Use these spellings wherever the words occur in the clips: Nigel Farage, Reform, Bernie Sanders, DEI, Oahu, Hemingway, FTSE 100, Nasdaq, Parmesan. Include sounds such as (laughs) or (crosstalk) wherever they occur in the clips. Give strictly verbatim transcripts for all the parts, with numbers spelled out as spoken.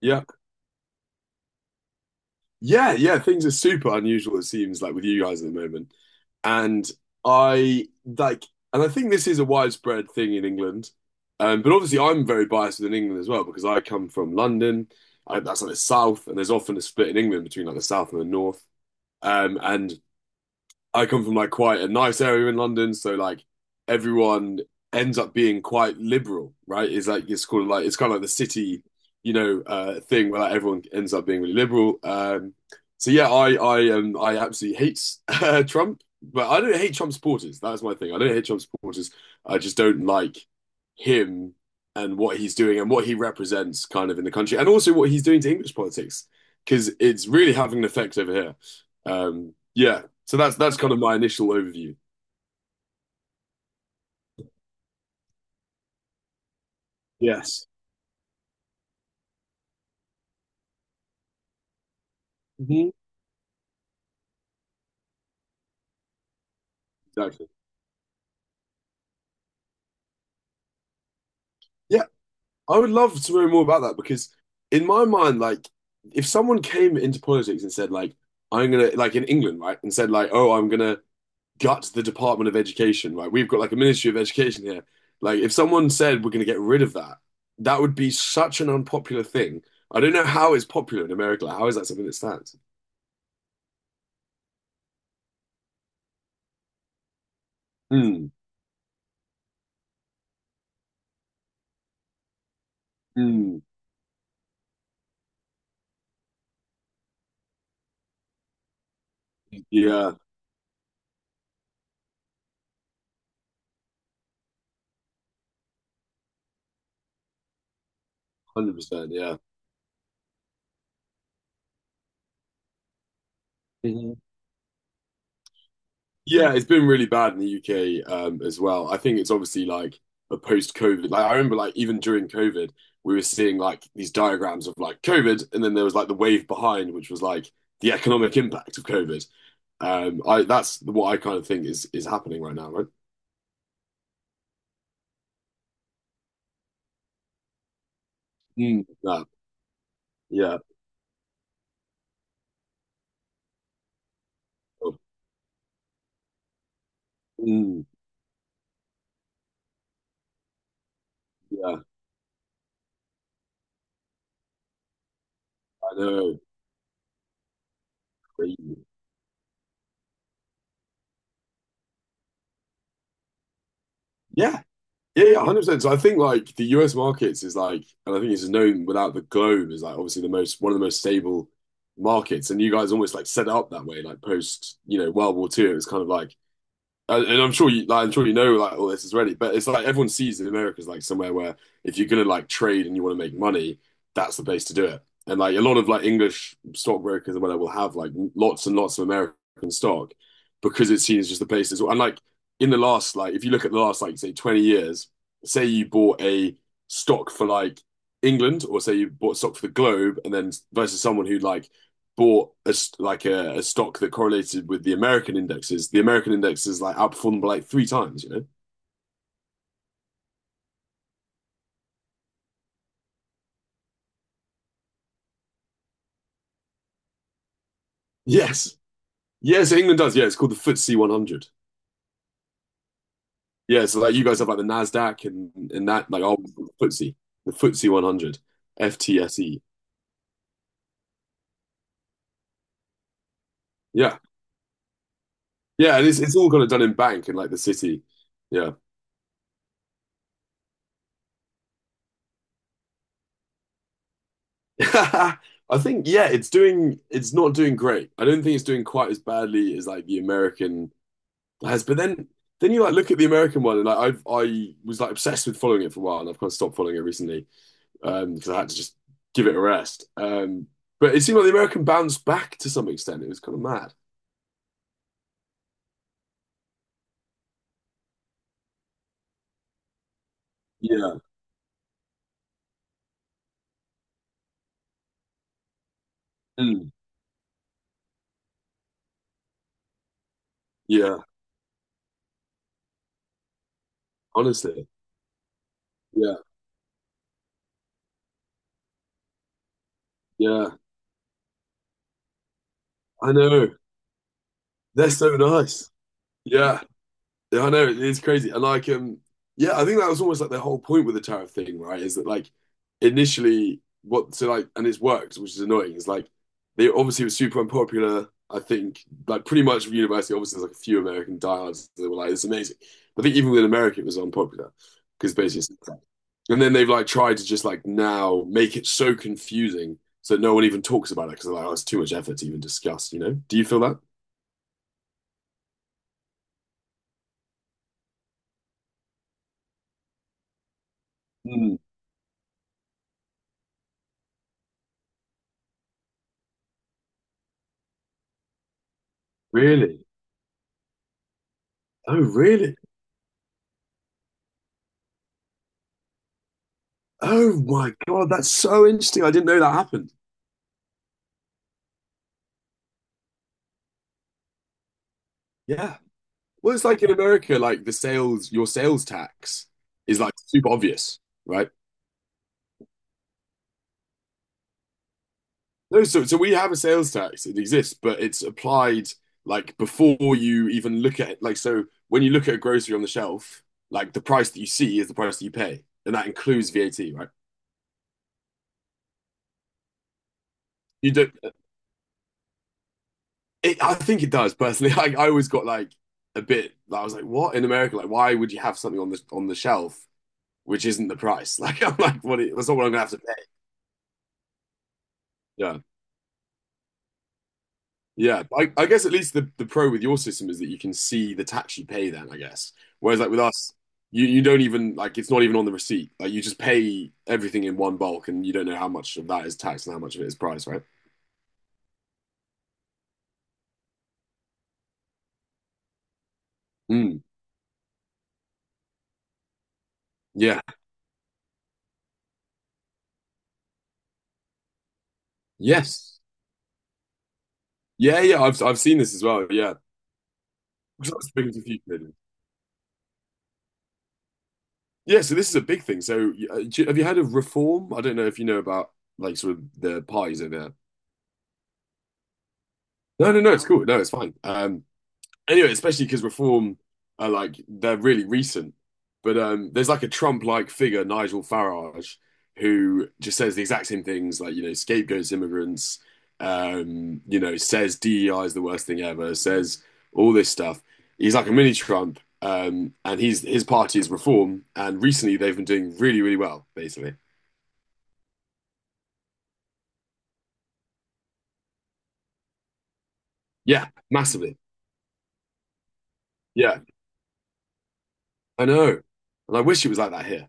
Yeah. Yeah, yeah, things are super unusual, it seems like with you guys at the moment. And I like and I think this is a widespread thing in England. Um, but obviously I'm very biased within England as well because I come from London. I, that's like the south, and there's often a split in England between like the south and the north. Um, and I come from like quite a nice area in London, so like everyone ends up being quite liberal, right? It's like it's called like it's kind of like the city, you know, uh, thing where like everyone ends up being really liberal. Um, so yeah, I I um I absolutely hate (laughs) uh, Trump, but I don't hate Trump supporters. That's my thing. I don't hate Trump supporters. I just don't like him and what he's doing and what he represents kind of in the country and also what he's doing to English politics because it's really having an effect over here. Um, yeah, so that's that's kind of my initial overview. Yes. Mhm. Exactly. Yeah, I would love to know more about that because in my mind, like if someone came into politics and said like I'm gonna like in England, right, and said like, oh, I'm gonna gut the Department of Education, right? We've got like a Ministry of Education here. Like if someone said we're gonna get rid of that, that would be such an unpopular thing. I don't know how it's popular in America. Like, how is that something that stands? Mm, mm, yeah, one hundred percent, yeah. Yeah, it's been really bad in the U K um, as well. I think it's obviously like a post-COVID. Like I remember, like even during COVID, we were seeing like these diagrams of like COVID, and then there was like the wave behind, which was like the economic impact of COVID. Um, I that's what I kind of think is is happening right now, right? Mm, yeah, yeah. Oh. Mm, yeah. I know. Crazy. Yeah, yeah, yeah, one hundred percent. So I think like the U S markets is like, and I think it's known without the globe is like obviously the most one of the most stable markets. And you guys almost like set it up that way, like post, you know, World War two. It was kind of like and, and I'm sure you, like, I'm sure you know, like all this is already, but it's like everyone sees that America is like somewhere where if you're gonna like trade and you want to make money, that's the place to do it. And like a lot of like English stockbrokers and whatever will have like lots and lots of American stock because it's seen as just the place as well. And like in the last like if you look at the last like say twenty years, say you bought a stock for like England or say you bought stock for the Globe and then versus someone who like bought a, like a, a stock that correlated with the American indexes, the American indexes like outperformed by like three times, you know? Yes. Yes, England does. Yeah, it's called the FTSE one hundred. Yeah, so like you guys have like the Nasdaq and and that like oh FTSE, the FTSE one hundred, FTSE. Yeah, yeah, and it's it's all kind of done in bank and like the city. Yeah, (laughs) I think yeah, it's doing it's not doing great. I don't think it's doing quite as badly as like the American has, but then then you like look at the American one, and like I've I was like obsessed with following it for a while, and I've kind of stopped following it recently um because I had to just give it a rest. Um but it seemed like the American bounced back to some extent. It was kind of mad. Yeah. Mm. Yeah. Honestly. Yeah. Yeah. I know. They're so nice. Yeah. Yeah, I know it is crazy, and like, um, yeah, I think that was almost like the whole point with the tariff thing, right? Is that like initially what so like, and it's worked, which is annoying. Is like they obviously were super unpopular. I think like pretty much from university, obviously there's like a few American diehards that were like, "It's amazing." But I think even within America, it was unpopular because basically, and then they've like tried to just like now make it so confusing so that no one even talks about it because they're like, "Oh, it's too much effort to even discuss." You know? Do you feel that? Mm, really? Oh, really? Oh my God, that's so interesting. I didn't know that happened. Yeah. Well, it's like in America, like the sales, your sales tax is like super obvious, right? No, so so we have a sales tax. It exists, but it's applied like before you even look at it. Like so when you look at a grocery on the shelf, like the price that you see is the price that you pay. And that includes V A T, right? You don't it, I think it does personally. (laughs) Like I always got like a bit like, I was like, what in America? Like why would you have something on the on the shelf which isn't the price. (laughs) Like I'm like, what? That's not what I'm gonna have to pay. Yeah, yeah. I, I guess at least the the pro with your system is that you can see the tax you pay. Then I guess, whereas like with us, you you don't even like it's not even on the receipt. Like you just pay everything in one bulk, and you don't know how much of that is tax and how much of it is price, right? Mm, yeah. Yes. Yeah. Yeah. I've I've seen this as well. Yeah. 'Cause I was speaking to a few Canadians. Yeah. So this is a big thing. So uh, do you- have you heard of reform? I don't know if you know about like sort of the parties over there. No, no, no. It's cool. No, it's fine. Um, anyway, especially because reform are like they're really recent. But um, there's like a Trump-like figure, Nigel Farage, who just says the exact same things, like you know, scapegoats immigrants, um, you know, says D E I is the worst thing ever, says all this stuff. He's like a mini Trump, um, and he's his party is Reform, and recently they've been doing really, really well, basically. Yeah, massively. Yeah, I know, and I wish it was like that here.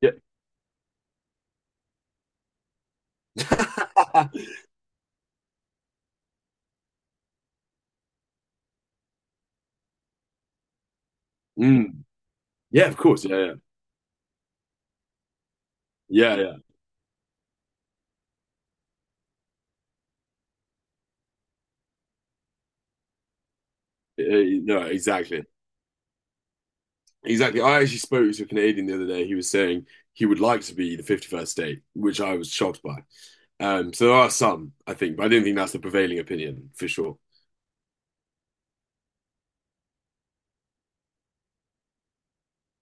Yeah. (laughs) Mm. Yeah, of course. Yeah, yeah, yeah, yeah. Uh, no, exactly. Exactly. I actually spoke to a Canadian the other day. He was saying he would like to be the fifty-first state, which I was shocked by. Um, so there are some, I think, but I do not think that's the prevailing opinion for sure.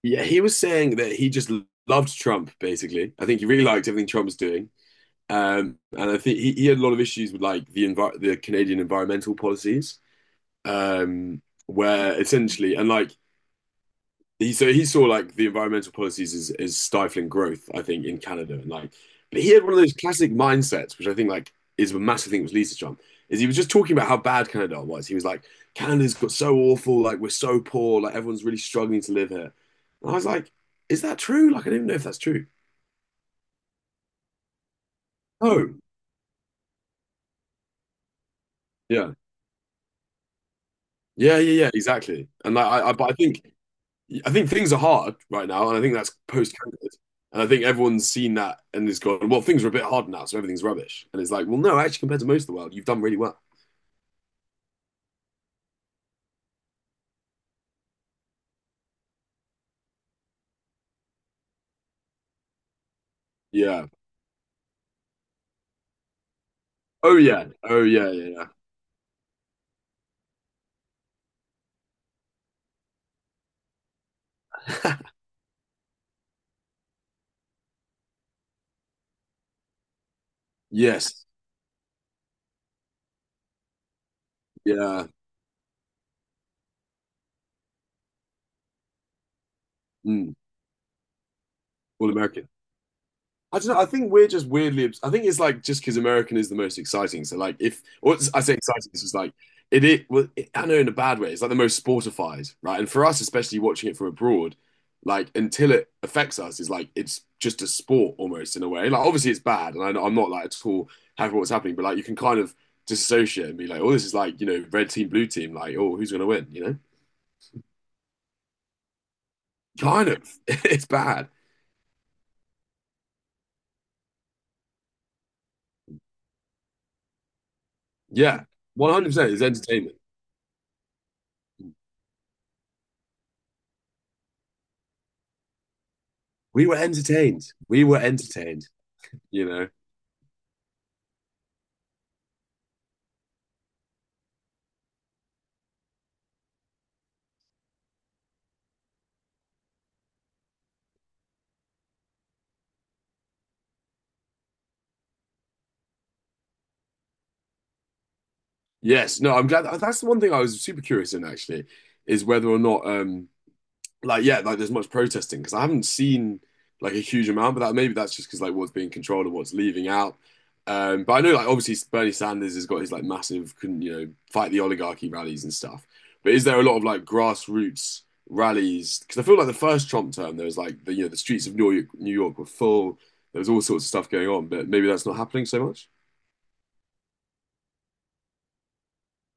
Yeah, he was saying that he just loved Trump, basically. I think he really liked everything Trump was doing. Um, and I think he, he had a lot of issues with like the envi the Canadian environmental policies, um, where essentially, and like he so he saw like the environmental policies as, as stifling growth, I think, in Canada. And like but he had one of those classic mindsets, which I think like is a massive thing with Lisa Trump, is he was just talking about how bad Canada was. He was like, Canada's got so awful, like we're so poor, like everyone's really struggling to live here. And I was like, is that true? Like I don't even know if that's true. Oh, yeah. Yeah, yeah, yeah, exactly. And like I, I but I think I think things are hard right now, and I think that's post-COVID. And I think everyone's seen that and has gone, well, things are a bit hard now, so everything's rubbish. And it's like, well, no, actually, compared to most of the world, you've done really well. Yeah. Oh yeah. Oh yeah. Yeah. Yeah. Yes. Yeah. Mm. All American. I don't know. I think we're just weirdly. obs- I think it's like just because American is the most exciting. So like, if or it's- I say exciting, it's just like it. It, well, it. I know in a bad way. It's like the most sportified, right? And for us, especially watching it from abroad, like until it affects us, is like it's just a sport almost in a way. Like obviously it's bad, and I, I'm not like at all happy with what's happening. But like you can kind of disassociate and be like, oh, this is like you know red team, blue team. Like oh, who's gonna win? You know, kind of. (laughs) It's bad. Yeah, one hundred percent. It's entertainment. We were entertained. We were entertained. you know. Yes, no, I'm glad that's the one thing I was super curious in actually, is whether or not um like yeah, like there's much protesting because I haven't seen like a huge amount, but that maybe that's just because like what's being controlled and what's leaving out. Um, but I know like obviously Bernie Sanders has got his like massive can you know fight the oligarchy rallies and stuff. But is there a lot of like grassroots rallies? Because I feel like the first Trump term there was like the you know the streets of New York New York were full. There was all sorts of stuff going on, but maybe that's not happening so much.